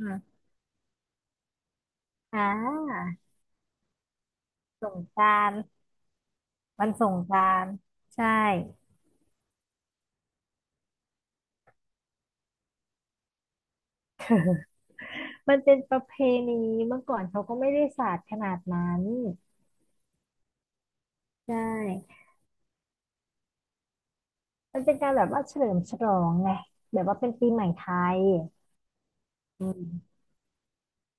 อ่ะอ่าสงกรานต์วันสงกรานต์ใช่ มันเป็นประเพณีเมื่อก่อนเขาก็ไม่ได้สาดขนาดนั้นใช่มันเป็นการแบบว่าเฉลิมฉลองไงแบบว่าเป็นปีใหม่ไทยอืม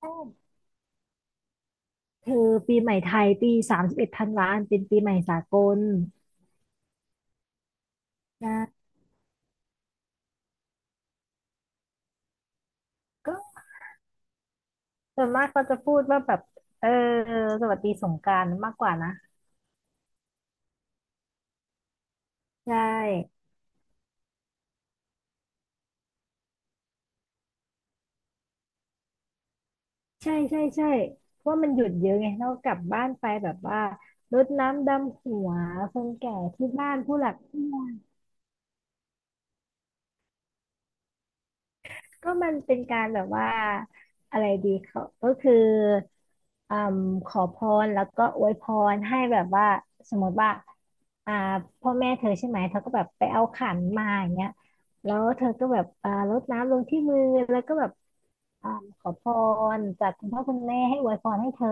ใช่คือปีใหม่ไทยปีสามสิบเอ็ดธันวาเป็นปีใหม่สากลนะก็ส่วนมากก็จะพูดว่าแบบเออสวัสดีสงกรานต์มากกว่านะ ใช่ ใช่ใช่เพราะมันหยุดเยอะไงเรากลับบ้านไปแบบว่ารดน้ำดำหัวคนแก่ที่บ้านผู้หลักผู้ใหญ่ก็มันเป็นการแบบว่าอะไรดีเขาก็คืออืมขอพรแล้วก็อวยพรให้แบบว่าสมมติว่าอ่าพ่อแม่เธอใช่ไหมเธอก็แบบไปเอาขันมาอย่างเงี้ยแล้วเธอก็แบบรดน้ำลงที่มือแล้วก็แบบอ่าขอพรจากคุณพ่อคุณแม่ให้อวยพรให้เธอ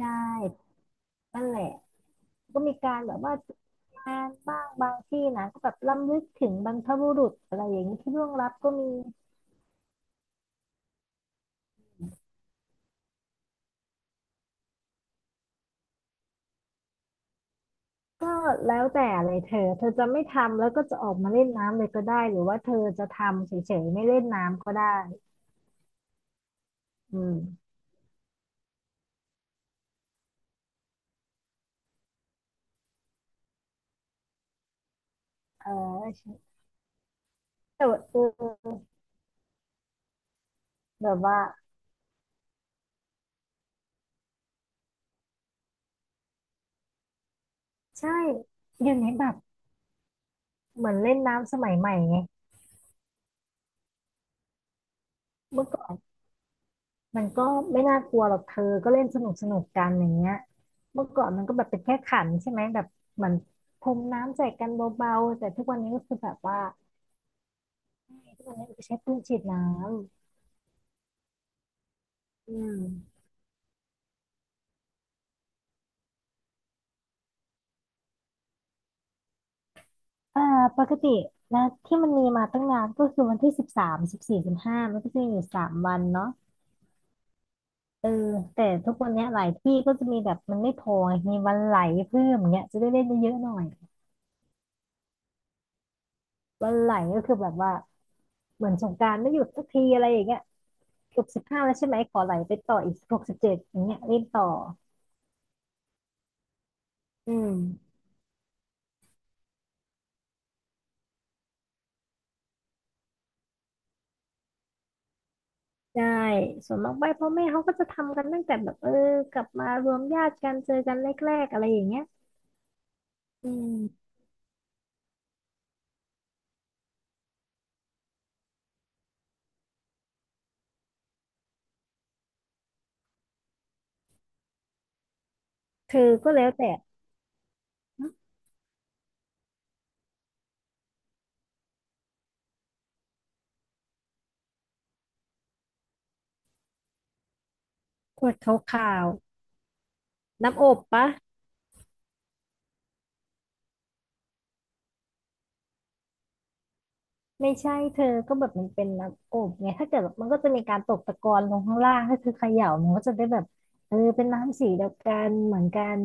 ได้นั่นแหละ ก็มีการแบบว่าจัดงานบ้างบางที่นะก็แบบรำลึกถึงบรรพบุรุษอะไรอย่างนี้ที่ล่วงลับก็มีก็แล้วแต่เลยเธอเธอจะไม่ทำแล้วก็จะออกมาเล่นน้ำเลยก็ได้หรือว่าเธอจะทำเฉยๆไม่เล่นน้ำก็ได้อืมเออแต่ว่าแบบว่าใช่อยู่ในแบบเหมือนเล่นน้ำสมัยใหม่ไงเมื่อก่อน มันก็ไม่น่ากลัวหรอกเธอก็เล่นสนุกกันอย่างเงี้ยเมื่อก่อนมันก็แบบเป็นแค่ขันใช่ไหมแบบเหมือนพรมน้ำใส่กันเบาๆแต่ทุกวันนี้ก็คือแบบว่าทุกวันนี้มันก็ใช้ปืนฉีดน้ำอืมอ่าปกตินะที่มันมีมาตั้งนานก็คือวันที่13 14 15มันก็จะมีอยู่สามวันเนาะเออแต่ทุกวันเนี้ยหลายที่ก็จะมีแบบมันไม่พอไงมีวันไหลเพิ่มอย่างเงี้ยจะได้เล่นเยอะๆหน่อยวันไหลก็คือแบบว่าเหมือนสงกรานต์ไม่หยุดสักทีอะไรอย่างเงี้ย จบ15แล้วใช่ไหมขอไหลไปต่ออีก16 17อย่างเงี้ยรีบต่ออืมได้ส่วนมากไปพ่อแม่เขาก็จะทำกันตั้งแต่แบบกลับมารวมญาติกันเจอกันแรกๆอะไรอย่างเงี้ยอืมเธอก็แล้วแต่ฮะขวดขาวๆน้ำอบปะไม่ใช่เธอก็แบบมันเป็นน้ำอบไงถ้าเกิดแบบมันก็จะมีการตกตะกอนลงข้างล่างถ้าเธอเขย่ามันก็จะได้แบบเป็นน้ำสีเดียวกันเหมือนกัน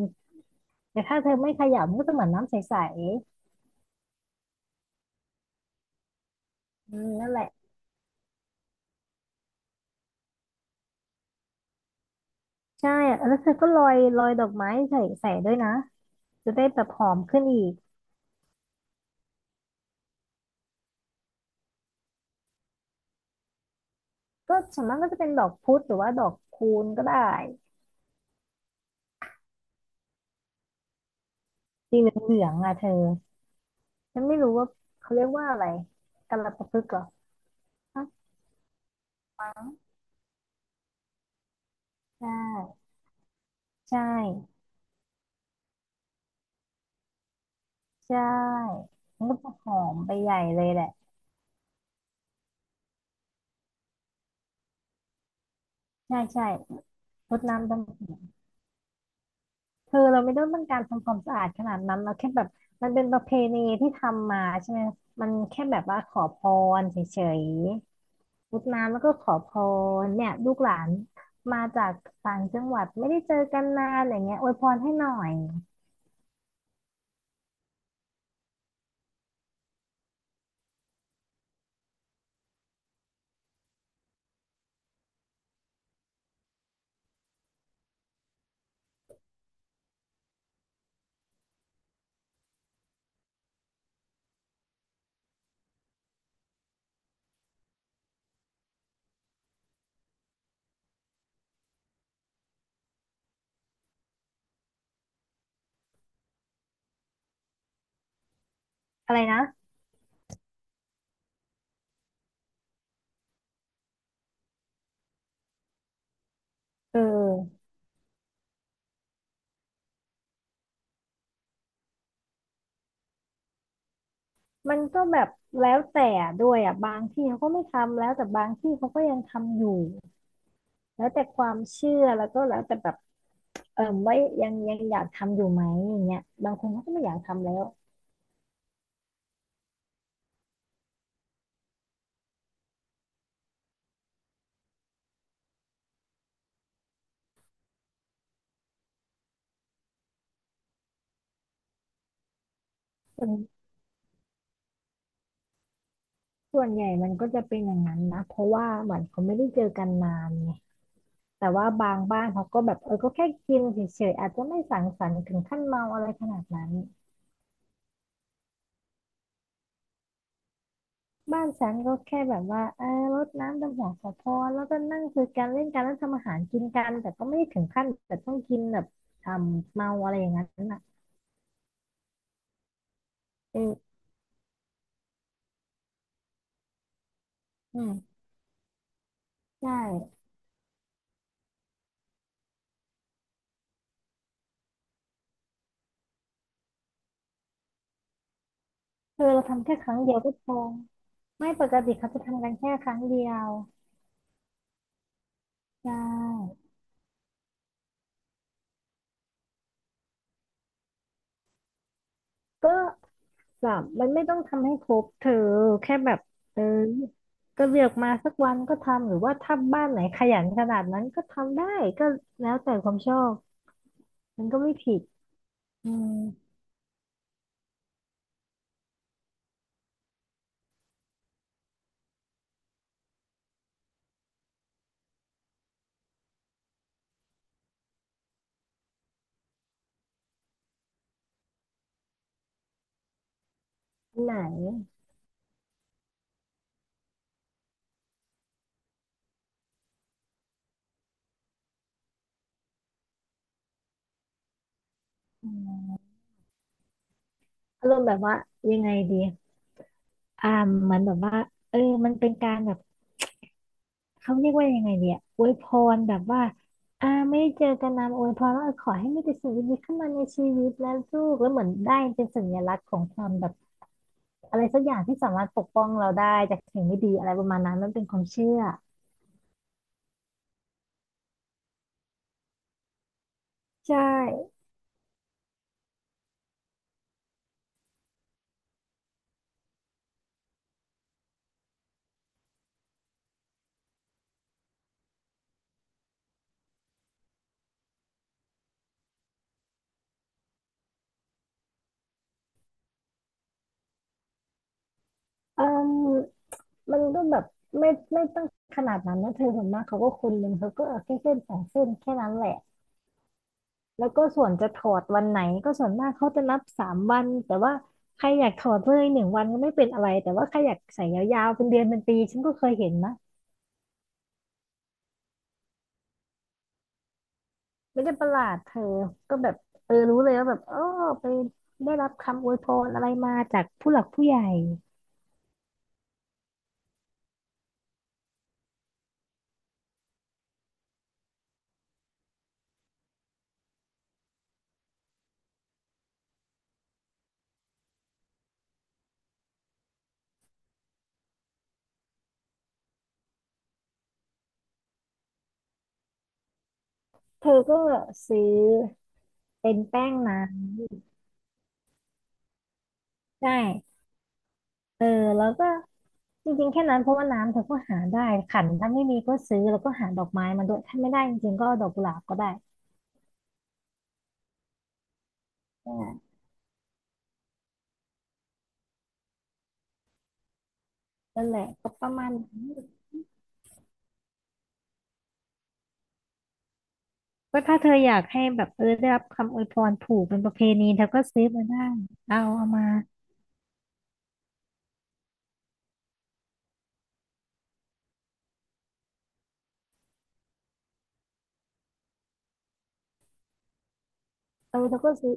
แต่ถ้าเธอไม่เขย่ามันก็จะเหมือนน้ำใสๆอืมนั่นแหละ ใช่อะแล้วเธอก็โรยดอกไม้ใส่ด้วยนะจะได้แบบหอมขึ้นอีกก็ส่วนมากก็จะเป็นดอกพุธหรือว่าดอกคูนก็ได้สีเหลืองๆอ่ะเธอฉันไม่รู้ว่าเขาเรียกว่าอะไรกัลปะพฤกษ์เหรออ่ะใช่ใช่ใช่มันก็จะหอมไปใหญ่เลยแหละใช่ใช่รดน้ำดำหัวเธอเราไม่ต้องการทำความสะอาดขนาดนั้นเราแค่แบบมันเป็นประเพณีที่ทำมาใช่ไหมมันแค่แบบว่าขอพรเฉย รดน้ำแล้วก็ขอพรเนี่ยลูกหลานมาจากต่างจังหวัดไม่ได้เจอกันนานอะไรเงี้ยอวยพรให้หน่อยอะไรนะเออมันก็แบบแล้วแต่ด้วยอ่ะบางที่เขาก็ไม่ทำแล้วแต่บางที่เขาก็ยังทำอยู่แล้วแต่ความเชื่อแล้วก็แล้วแต่แบบว่ายังอยากทำอยู่ไหมอย่างเงี้ยบางคนเขาก็ไม่อยากทำแล้วส่วนส่วนใหญ่มันก็จะเป็นอย่างนั้นนะเพราะว่าเหมือนเขาไม่ได้เจอกันนานไง แต่ว่าบางบ้านเขาก็แบบเออก็แค่กินเฉยๆอาจจะไม่สังสรรค์ถึงขั้นเมาอะไรขนาดนั้นบ้านฉันก็แค่แบบว่ารดน้ำดำหัวขอพรแล้วก็นั่งคุยกันเล่นกันแล้วทำอาหารกินกันแต่ก็ไม่ได้ถึงขั้นแต่ต้องกินแบบทำเมาอะไรอย่างนั้นน่ะเอออืมใช่เออเราทำแค่ครั้งเดียวก็พอไม่ปกติเขาจะทำกันแค่ครั้งเดียวใช่ก็ สับมันไม่ต้องทำให้ครบเธอแค่แบบเออก็เลือกมาสักวันก็ทำหรือว่าถ้าบ้านไหนขยันขนาดนั้นก็ทำได้ก็แล้วแต่ความชอบมันก็ไม่ผิดอืมอันไหนอืมอารมณ์แบบว่ายังไงดีอ่ามันแบบว่าเออมันเป็นการแบบเขาเรียกว่ายังไงดีอะอวยพรแบบว่าไม่ได้เจอกันนานอวยพรว่าขอให้มีแต่สิ่งดีๆเข้ามาในชีวิตนะลูกแล้วเหมือนได้เป็นสัญลักษณ์ของความแบบ อะไรสักอย่างที่สามารถปกป้องเราได้จากสิ่งไม่ดีอะไรประมาณนั้นมันเป็นความเชื่อใช่เอ่มมันก็แบบไม่ไม่ต้องขนาดนั้นนะเธอส่วนมากเขาก็คนหนึ่งเขาก็เอาแค่เส้น2 เส้นแค่นั้นแหละแล้วก็ส่วนจะถอดวันไหนก็ส่วนมากเขาจะนับสามวันแต่ว่าใครอยากถอดเลย1 วันก็ไม่เป็นอะไรแต่ว่าใครอยากใส่ยาวๆเป็นเดือนเป็นปีฉันก็เคยเห็นนะไม่ได้ประหลาดเธอก็แบบเออรู้เลยว่าแบบอ๋อไปได้รับคำอวยพรอะไรมาจากผู้หลักผู้ใหญ่ เธอก็ซื้อเป็นแป้งน้ำได้เออแล้วก็จริงๆแค่นั้นเพราะว่าน้ำเธอก็หาได้ขันถ้าไม่มีก็ซื้อแล้วก็หาดอกไม้มาด้วยถ้าไม่ได้จริงๆก็เอาดอกกุหลาบก็ได้อ่านั่นแหละก็ประมาณนั้นก็ถ้าเธออยากให้แบบได้รับคำอวยพรผูกเป็นประเพณีเธอก็ซื้อมาได้เอาเอามาเออเธอก็ซื้อ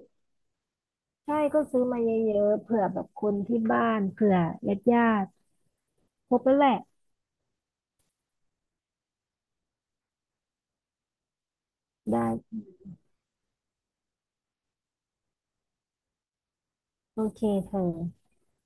ใช่ก็ซื้อมาเยอะๆเผื่อแบบคนที่บ้านเผื่อญาติๆครบแล้วแหละได้โอเคเธอ